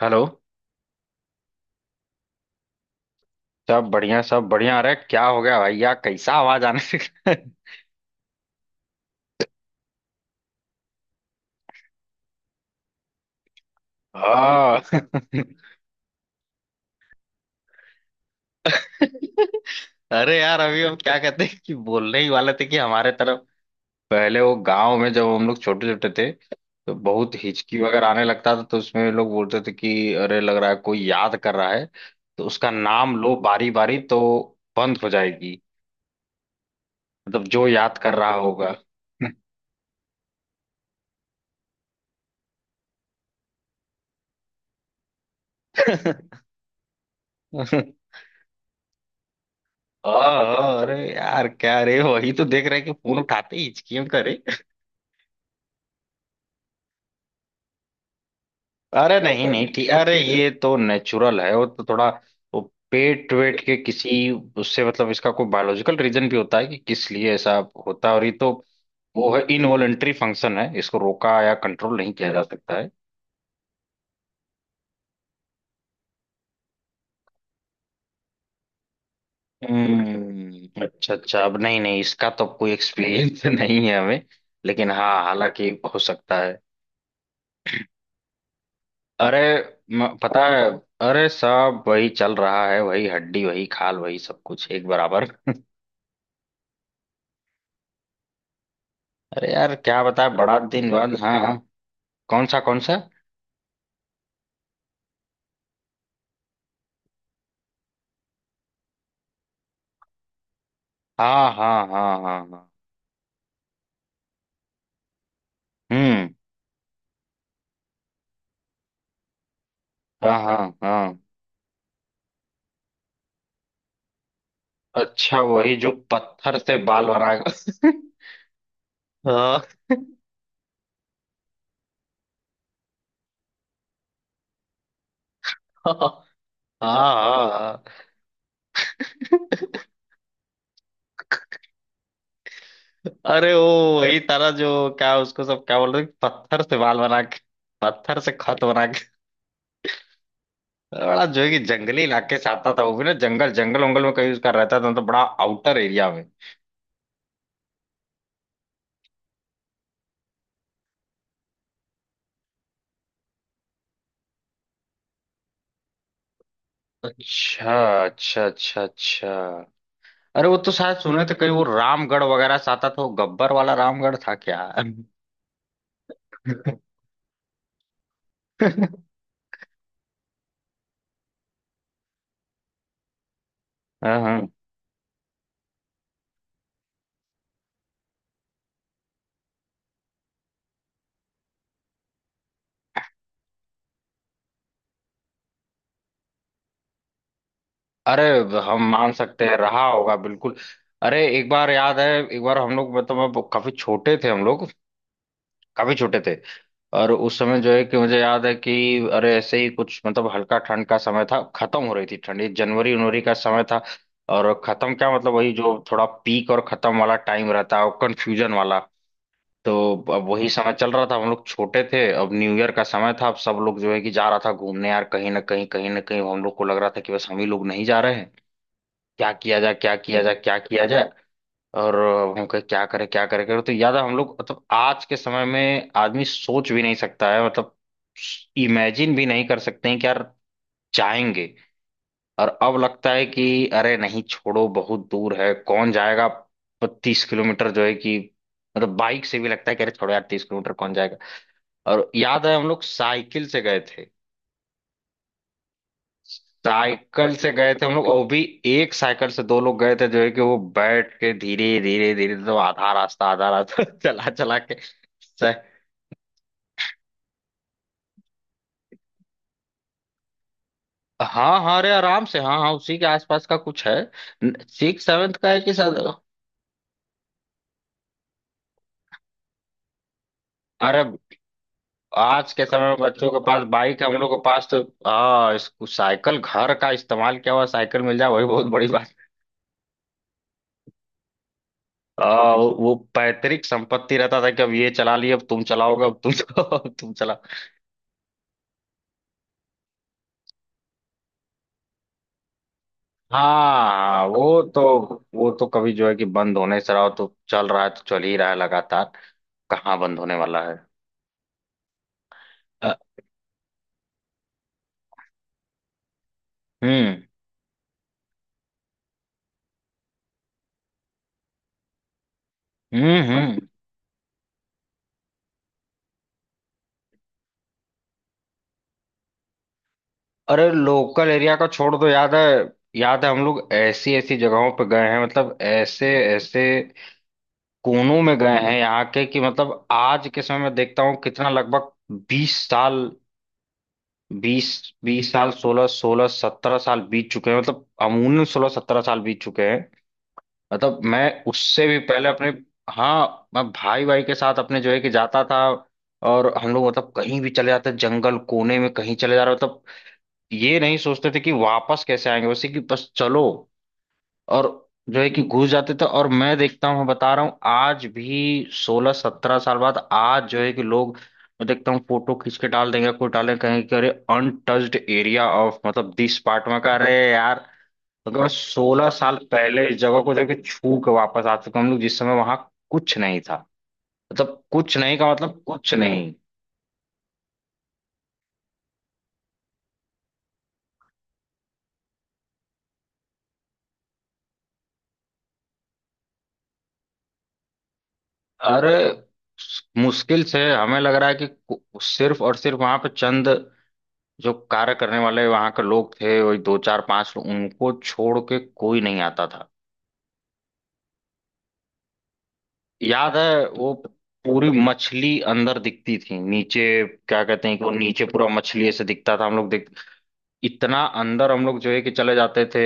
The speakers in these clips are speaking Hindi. हेलो। सब बढ़िया सब बढ़िया। अरे क्या हो गया भैया कैसा आवाज आने लगा? हाँ, अरे यार अभी हम क्या कहते हैं कि बोलने ही वाले थे कि हमारे तरफ पहले वो गांव में जब हम लोग छोटे छोटे थे तो बहुत हिचकी वगैरह आने लगता था तो उसमें लोग बोलते थे कि अरे लग रहा है कोई याद कर रहा है, तो उसका नाम लो बारी बारी, तो बंद हो जाएगी। मतलब जो याद कर रहा होगा। हाँ हाँ, अरे यार क्या रे, वही तो देख रहे हैं कि फोन उठाते ही हिचकियों करे। अरे नहीं नहीं ठीक, अरे ये तो नेचुरल है, वो तो थोड़ा वो पेट वेट के किसी उससे, मतलब इसका कोई बायोलॉजिकल रीजन भी होता है कि किस लिए ऐसा होता है, और ये तो वो है इनवॉलेंट्री फंक्शन है, इसको रोका या कंट्रोल नहीं किया जा सकता है। हम्म, अच्छा अच्छा। अब नहीं नहीं, इसका तो अब कोई एक्सपीरियंस नहीं है हमें। लेकिन हाँ हालांकि हो सकता है। अरे पता है, अरे सब वही चल रहा है, वही हड्डी वही खाल वही सब कुछ एक बराबर। अरे यार क्या बताए, बड़ा दिन बाद। हाँ हाँ। कौन सा कौन सा? हाँ हाँ हाँ हाँ हाँ। हम्म। हाँ हाँ हाँ। अच्छा, वही जो पत्थर से बाल बनाएगा। हाँ हाँ हाँ हाँ। अरे वो वही तारा जो क्या उसको सब क्या बोलते हैं, पत्थर से बाल बना के, पत्थर से खत बना के। बड़ा जो है कि जंगली इलाके से आता था, वो भी ना जंगल जंगल वंगल में कहीं उसका रहता था तो बड़ा आउटर एरिया में। अच्छा अच्छा अच्छा अच्छा। अरे वो तो शायद सुने थे कहीं, वो रामगढ़ वगैरह से आता था। वो गब्बर वाला रामगढ़ था क्या? हाँ हाँ। अरे हम मान सकते हैं, रहा होगा बिल्कुल। अरे एक बार याद है, एक बार हम लोग मतलब अब काफी छोटे थे हम लोग, काफी छोटे थे, और उस समय जो है कि मुझे याद है कि अरे ऐसे ही कुछ, मतलब हल्का ठंड का समय था, खत्म हो रही थी ठंडी, जनवरी उनवरी का समय था, और खत्म क्या मतलब वही जो थोड़ा पीक और खत्म वाला टाइम रहता है, कंफ्यूजन वाला। तो अब वही समय चल रहा था, हम लोग छोटे थे, अब न्यू ईयर का समय था, अब सब लोग जो है कि जा रहा था घूमने यार कहीं ना कहीं कहीं ना कहीं, हम लोग को लग रहा था कि बस हम ही लोग नहीं जा रहे हैं, क्या किया जाए क्या किया जाए क्या किया जाए। और अब हम कहे क्या करें करें। तो याद है हम लोग, मतलब आज के समय में आदमी सोच भी नहीं सकता है, मतलब इमेजिन भी नहीं कर सकते हैं कि यार जाएंगे। और अब लगता है कि अरे नहीं छोड़ो, बहुत दूर है कौन जाएगा, 30 किलोमीटर जो है कि मतलब बाइक से भी लगता है कि अरे छोड़ो यार, 30 किलोमीटर कौन जाएगा। और याद है हम लोग साइकिल से गए थे, साइकिल से गए थे हम लोग, और भी एक साइकिल से दो लोग गए थे, जो है कि वो बैठ के धीरे धीरे धीरे, तो आधा रास्ता चला चला के सह- हाँ हाँ, अरे आराम से, हाँ हाँ उसी के आसपास का कुछ है, सिक्स सेवन्थ का है कि सर। अरे आज के समय में बच्चों के पास बाइक है, हम लोग के पास तो हाँ, इसको साइकिल घर का इस्तेमाल किया हुआ साइकिल मिल जाए वही बहुत बड़ी बात। आ, वो पैतृक संपत्ति रहता था कि अब ये चला लिए अब तुम चलाओगे अब तुम चलाओ अब तुम चला। हाँ वो तो, वो तो कभी जो है कि बंद होने से रहा हो, तो चल रहा है तो चल ही रहा है लगातार, कहाँ बंद होने वाला है। अ, हम्म हम्म। अरे लोकल एरिया का छोड़ दो, याद है, याद है हम लोग ऐसी ऐसी जगहों पे गए हैं, मतलब ऐसे ऐसे कोनों में गए हैं यहाँ के कि मतलब आज के समय में देखता हूँ, कितना लगभग 20 साल, बीस, 20 साल, सोलह 16 17 साल बीत चुके हैं, मतलब अमूमन 16 17 साल बीत चुके हैं। मतलब मैं उससे भी पहले अपने, हाँ मैं भाई भाई के साथ अपने जो है कि जाता था, और हम लोग मतलब कहीं भी चले जाते, जंगल कोने में कहीं चले जा रहे, मतलब ये नहीं सोचते थे कि वापस कैसे आएंगे, वैसे कि बस चलो, और जो है कि घुस जाते थे। और मैं देखता हूँ, मैं बता रहा हूँ, आज भी 16 17 साल बाद आज जो है कि लोग, मैं देखता हूँ फोटो खींच के डाल देंगे कोई, डालेंगे कहेंगे कि अरे अनटच्ड एरिया ऑफ मतलब दिस पार्ट में का, अरे यार क्योंकि मैं 16 साल पहले इस जगह को जाके छू के वापस आ चुका हूं। हम लोग जिस समय वहां कुछ नहीं था, मतलब कुछ नहीं का मतलब कुछ नहीं। अरे मुश्किल से हमें लग रहा है कि सिर्फ और सिर्फ वहां पे चंद जो कार्य करने वाले वहां के लोग थे, वही दो चार पांच लोग, उनको छोड़ के कोई नहीं आता था। याद है वो, पूरी मछली अंदर दिखती थी नीचे, क्या कहते हैं कि वो नीचे पूरा मछली ऐसे दिखता था, हम लोग इतना अंदर हम लोग जो है कि चले जाते थे।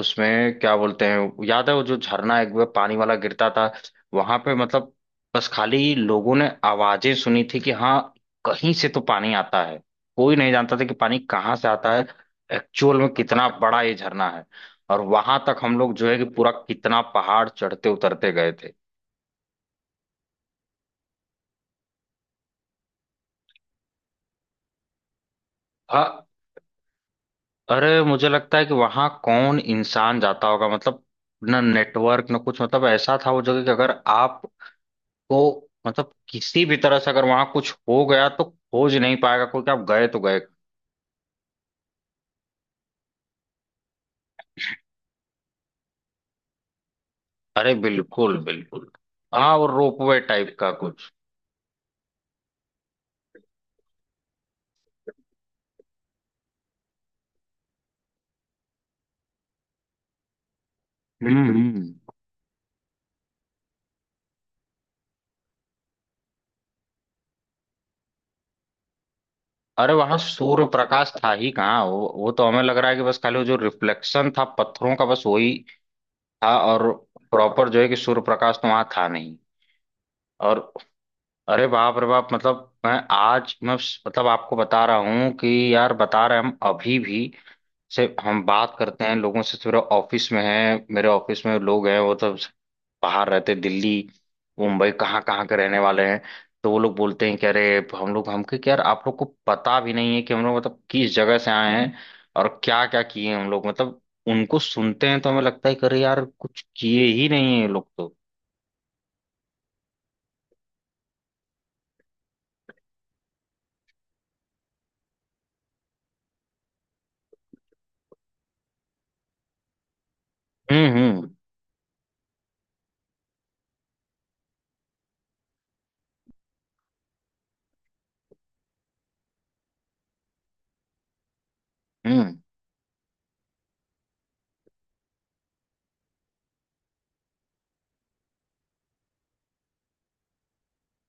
उसमें क्या बोलते हैं, याद है वो जो झरना एक बार पानी वाला गिरता था, वहां पे मतलब बस खाली लोगों ने आवाजें सुनी थी कि हाँ कहीं से तो पानी आता है, कोई नहीं जानता था कि पानी कहाँ से आता है, एक्चुअल में कितना बड़ा ये झरना है। और वहां तक हम लोग जो है कि पूरा कितना पहाड़ चढ़ते उतरते गए थे। हाँ, अरे मुझे लगता है कि वहां कौन इंसान जाता होगा, मतलब ना नेटवर्क ना कुछ, मतलब ऐसा था वो जगह कि अगर आप तो मतलब किसी भी तरह से अगर वहां कुछ हो गया तो खोज नहीं पाएगा कोई, कि आप गए तो गए। अरे बिल्कुल बिल्कुल, हाँ वो रोपवे टाइप का कुछ। हम्म हम्म। अरे वहां सूर्य प्रकाश था ही कहाँ वो तो हमें लग रहा है कि बस खाली वो जो रिफ्लेक्शन था पत्थरों का, बस वही था, और प्रॉपर जो है कि सूर्य प्रकाश तो वहां था नहीं और, अरे बाप रे बाप, मतलब मैं आज मैं मतलब आपको बता रहा हूँ कि यार बता रहे हैं हम अभी भी से हम बात करते हैं लोगों से, थोड़ा ऑफिस में है, मेरे ऑफिस में लोग हैं वो तो बाहर रहते हैं, दिल्ली मुंबई कहाँ कहाँ के रहने वाले हैं, तो वो लोग बोलते हैं कि अरे हम लोग हमके क्या यार, आप लोग को पता भी नहीं है कि हम लोग मतलब किस जगह से आए हैं, और क्या क्या किए हैं हम लोग, मतलब उनको सुनते हैं तो हमें लगता है कि अरे यार कुछ किए ही नहीं है ये लोग तो। हम्म हम्म हम्म।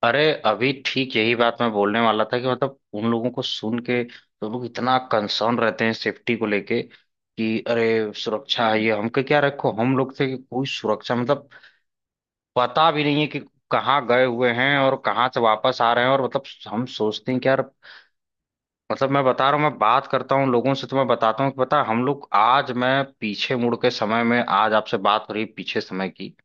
अरे अभी ठीक यही बात मैं बोलने वाला था, कि मतलब उन लोगों को सुन के तो लोग इतना कंसर्न रहते हैं सेफ्टी को लेके कि अरे सुरक्षा है ये हमके क्या रखो, हम लोग थे कि कोई सुरक्षा मतलब पता भी नहीं है कि कहाँ गए हुए हैं और कहाँ से वापस आ रहे हैं, और मतलब हम सोचते हैं कि यार, मतलब मैं बता रहा हूँ, मैं बात करता हूँ लोगों से तो मैं बताता हूँ कि पता है, हम लोग आज मैं पीछे मुड़ के समय में आज आपसे बात हो रही है पीछे समय की,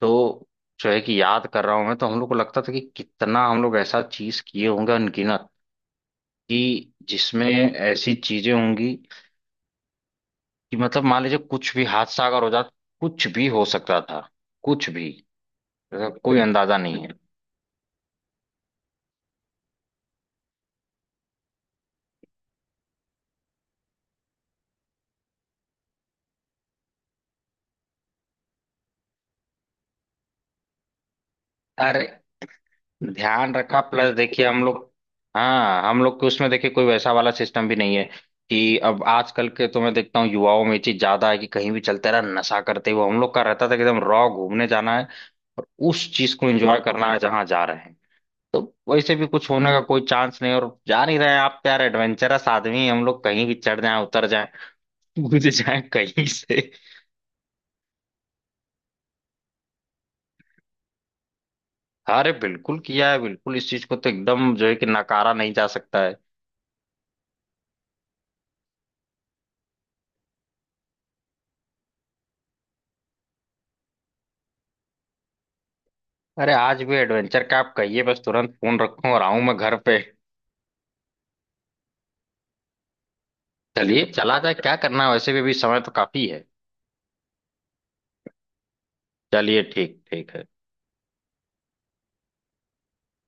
तो जो है कि याद कर रहा हूं मैं, तो हम लोग को लगता था कि कितना हम लोग ऐसा चीज किए होंगे अनगिनत कि जिसमें ऐसी चीजें होंगी, कि मतलब मान लीजिए कुछ भी हादसा अगर हो जाता, कुछ भी हो सकता था, कुछ भी, ऐसा कोई अंदाजा नहीं है। अरे ध्यान रखा, प्लस देखिए हम लोग, हाँ हम लोग के उसमें देखिए कोई वैसा वाला सिस्टम भी नहीं है कि, अब आजकल के तो मैं देखता हूँ युवाओं में ये चीज ज्यादा है कि कहीं भी चलते रहा नशा करते हुए, हम लोग का रहता था कि एकदम रॉ घूमने जाना है, और उस चीज को एंजॉय करना है जहां जा रहे हैं, तो वैसे भी कुछ होने का कोई चांस नहीं है। और जा नहीं रहे हैं आप यार, एडवेंचरस आदमी हैं, हम लोग कहीं भी चढ़ जाए उतर जाए कूद जाए कहीं से। अरे बिल्कुल किया है बिल्कुल, इस चीज को तो एकदम जो है कि नकारा नहीं जा सकता है। अरे आज भी एडवेंचर का आप कहिए, बस तुरंत फोन रखूं और आऊं मैं घर पे। चलिए चला जाए, क्या करना है, वैसे भी अभी समय तो काफी है। चलिए ठीक, ठीक है।